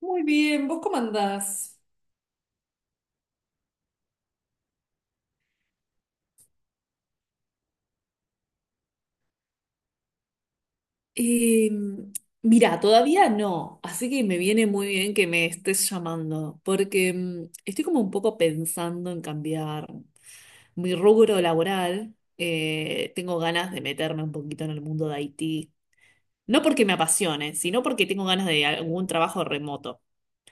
Muy bien, ¿vos cómo andás? Eh, Mira, todavía no, así que me viene muy bien que me estés llamando, porque estoy como un poco pensando en cambiar mi rubro laboral. Tengo ganas de meterme un poquito en el mundo de IT, no porque me apasione, sino porque tengo ganas de algún trabajo remoto.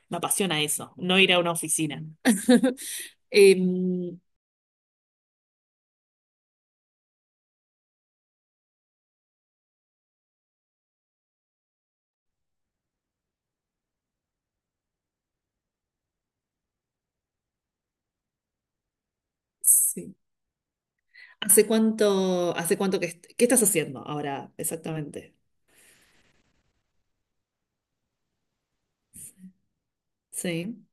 Me apasiona eso, no ir a una oficina. Em, sí. ¿Hace cuánto qué estás haciendo ahora exactamente? Sí.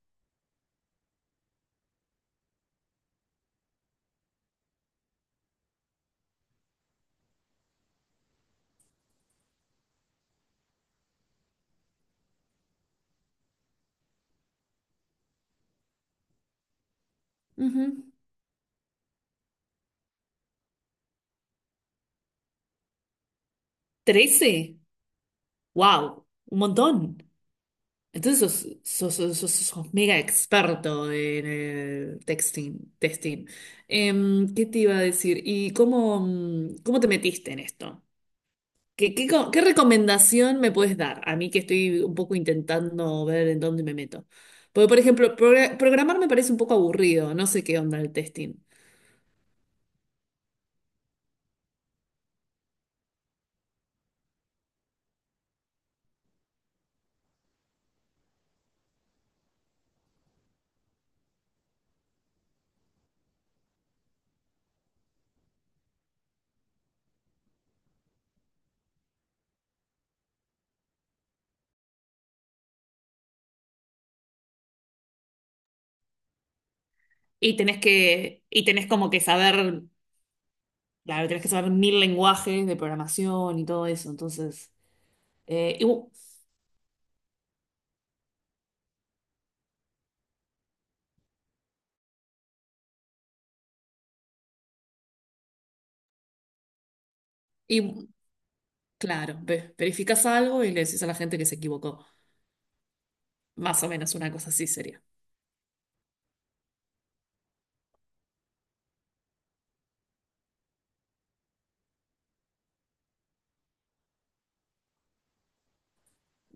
Ujú. ¿Trece? ¡Wow! Un montón. Entonces sos mega experto en testing. Em, ¿qué te iba a decir? ¿Y cómo, cómo te metiste en esto? ¿Qué recomendación me puedes dar a mí que estoy un poco intentando ver en dónde me meto? Porque, por ejemplo, programar me parece un poco aburrido, no sé qué onda el testing. Y tenés que, y tenés como que saber. Claro, tienes que saber mil lenguajes de programación y todo eso. Entonces, eh, y, bu- y bu- claro, verificas algo y le decís a la gente que se equivocó. Más o menos una cosa así sería.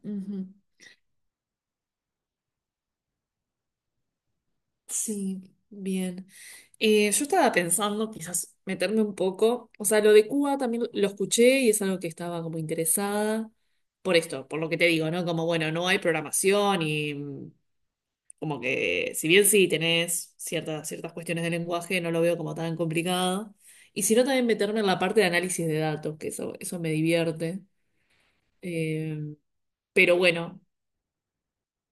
Ujú. Sí, bien. Yo estaba pensando quizás meterme un poco, o sea, lo de Cuba también lo escuché y es algo que estaba como interesada por esto, por lo que te digo, ¿no? Como, bueno, no hay programación y como que, si bien sí tenés ciertas cuestiones de lenguaje, no lo veo como tan complicado. Y si no, también meterme en la parte de análisis de datos, eso me divierte. Eh, pero bueno,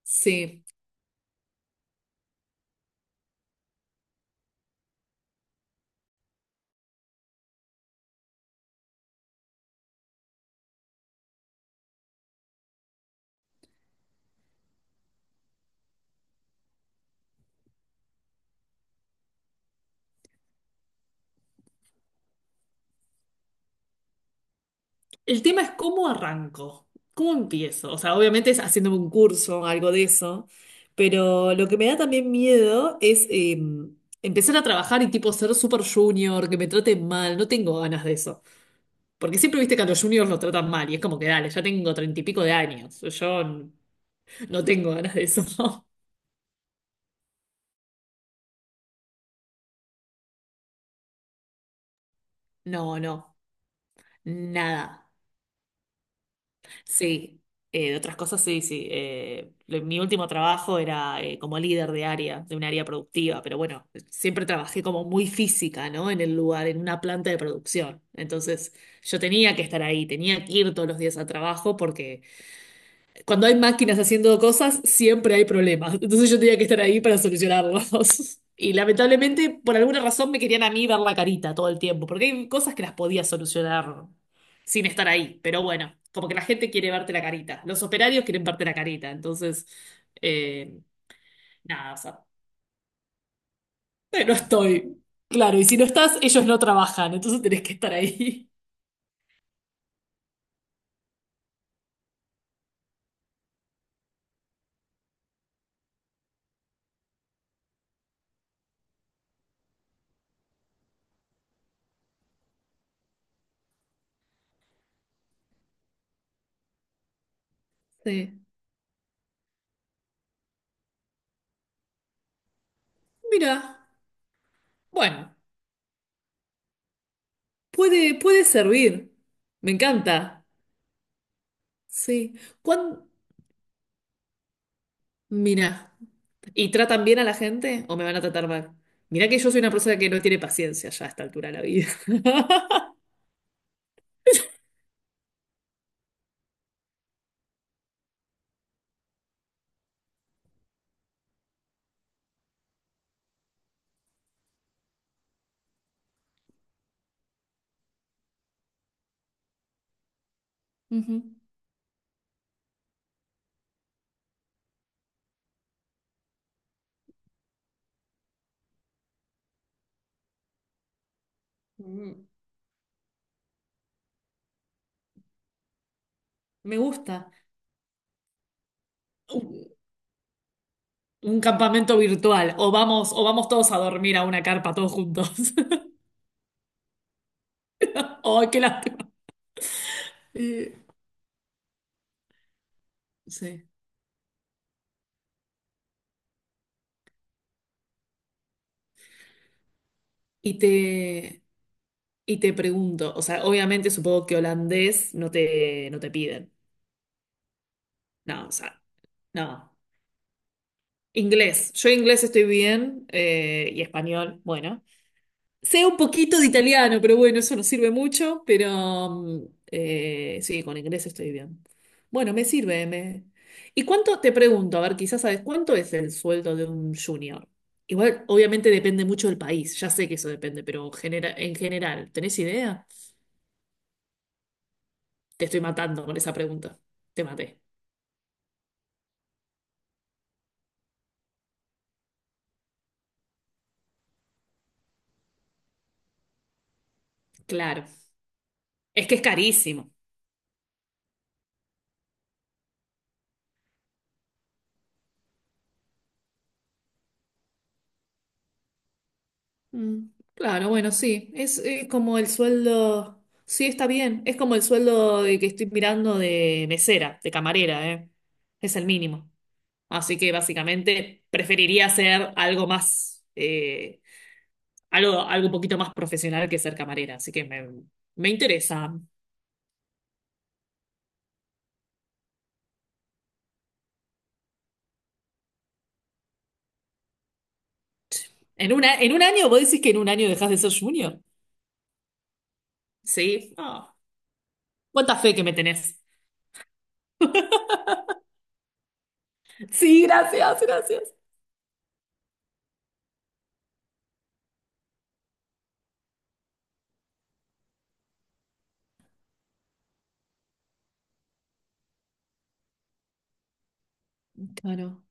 sí. El tema es cómo arranco, cómo empiezo. O sea, obviamente es haciéndome un curso, algo de eso. Pero lo que me da también miedo es empezar a trabajar y tipo ser super junior, que me traten mal. No tengo ganas de eso. Porque siempre viste que a los juniors los tratan mal y es como que dale, ya tengo treinta y pico de años. No tengo ganas de eso. No, no, nada. Sí, de otras cosas sí, sí. Mi último trabajo era como líder de área, de un área productiva, pero bueno, siempre trabajé como muy física, ¿no? En el lugar, en una planta de producción. Entonces yo tenía que estar ahí, tenía que ir todos los días al trabajo porque cuando hay máquinas haciendo cosas, siempre hay problemas. Entonces yo tenía que estar ahí para solucionarlos. Y lamentablemente, por alguna razón, me querían a mí ver la carita todo el tiempo, porque hay cosas que las podía solucionar sin estar ahí. Pero bueno, como que la gente quiere verte la carita. Los operarios quieren verte la carita. Entonces, eh, nada, o sea, no estoy. Claro, y si no estás, ellos no trabajan, entonces tenés que estar ahí. Sí. Mira, bueno, puede servir. Me encanta. Sí. ¿Cuándo? Mira, ¿y tratan bien a la gente o me van a tratar mal? Mira que yo soy una persona que no tiene paciencia ya a esta altura de la vida. Ujú. Mm, me gusta. Un, un campamento virtual. O vamos todos a dormir a una carpa todos juntos. ¡Ay, qué lástima! Eh, sí. Y te, y te pregunto, o sea, obviamente supongo que holandés no te piden. No, o sea, no. Inglés. Yo inglés estoy bien y español, bueno. Sé un poquito de italiano, pero bueno, eso no sirve mucho, pero sí, con inglés estoy bien. Bueno, me sirve. Me... te pregunto, a ver, quizás sabes, ¿cuánto es el sueldo de un junior? Igual, obviamente depende mucho del país, ya sé que eso depende, pero en general, ¿tenés idea? Te estoy matando con esa pregunta. Te maté. Claro. Es que es carísimo. Mm, Claro, bueno, sí, es, como el sueldo, sí, está bien, es como el sueldo de que estoy mirando de mesera, de camarera, ¿eh? Es el mínimo. Así que básicamente preferiría hacer algo más, algo un poquito más profesional que ser camarera, así que me interesa. ¿En una, en un año? ¿Vos decís que en un año dejas de ser junior? Sí. Ah, ¿cuánta fe que me tenés? Sí, gracias, gracias. Claro.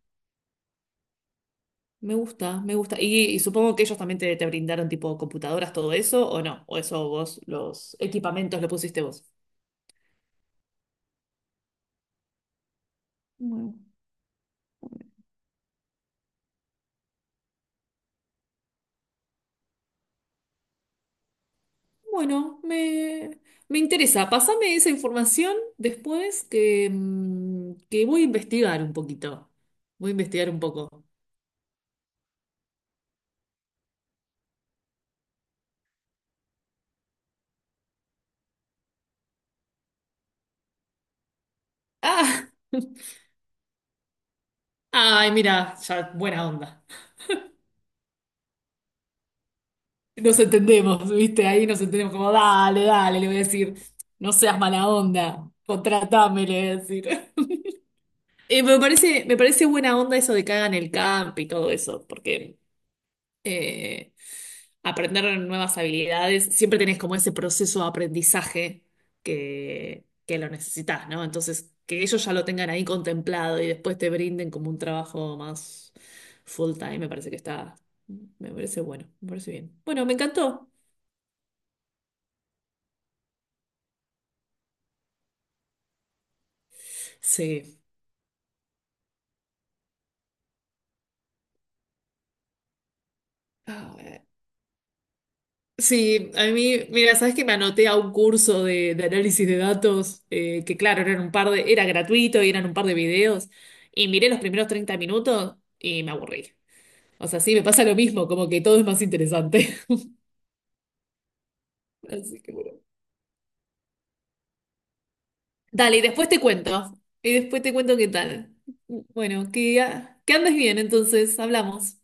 Me gusta, me gusta. Y supongo que ellos también te brindaron tipo computadoras, todo eso, ¿o no? ¿O eso vos, los equipamientos lo pusiste vos? Bueno. Bueno, me, me interesa. Pásame esa información después que, que voy a investigar un poquito. Voy a investigar un poco. ¡Ah! Ay, mira, ya, buena onda. Nos entendemos, ¿viste? Ahí nos entendemos como, dale, dale, le voy a decir, no seas mala onda, contratame, le voy a decir. Me parece buena onda eso de que hagan el camp y todo eso, porque eh, aprender nuevas habilidades, siempre tenés como ese proceso de aprendizaje que lo necesitas, ¿no? Entonces, que ellos ya lo tengan ahí contemplado y después te brinden como un trabajo más full time, me parece que está, me parece bueno, me parece bien. Bueno, me encantó. Sí. Sí, a mí, mira, sabes que me anoté a un curso de análisis de datos, que claro, eran un par de, era gratuito y eran un par de videos, y miré los primeros 30 minutos y me aburrí. O sea, sí, me pasa lo mismo, como que todo es más interesante. Así que bueno. Dale, y después te cuento. Y después te cuento qué tal. Bueno, que, ah, que andes bien, entonces, hablamos.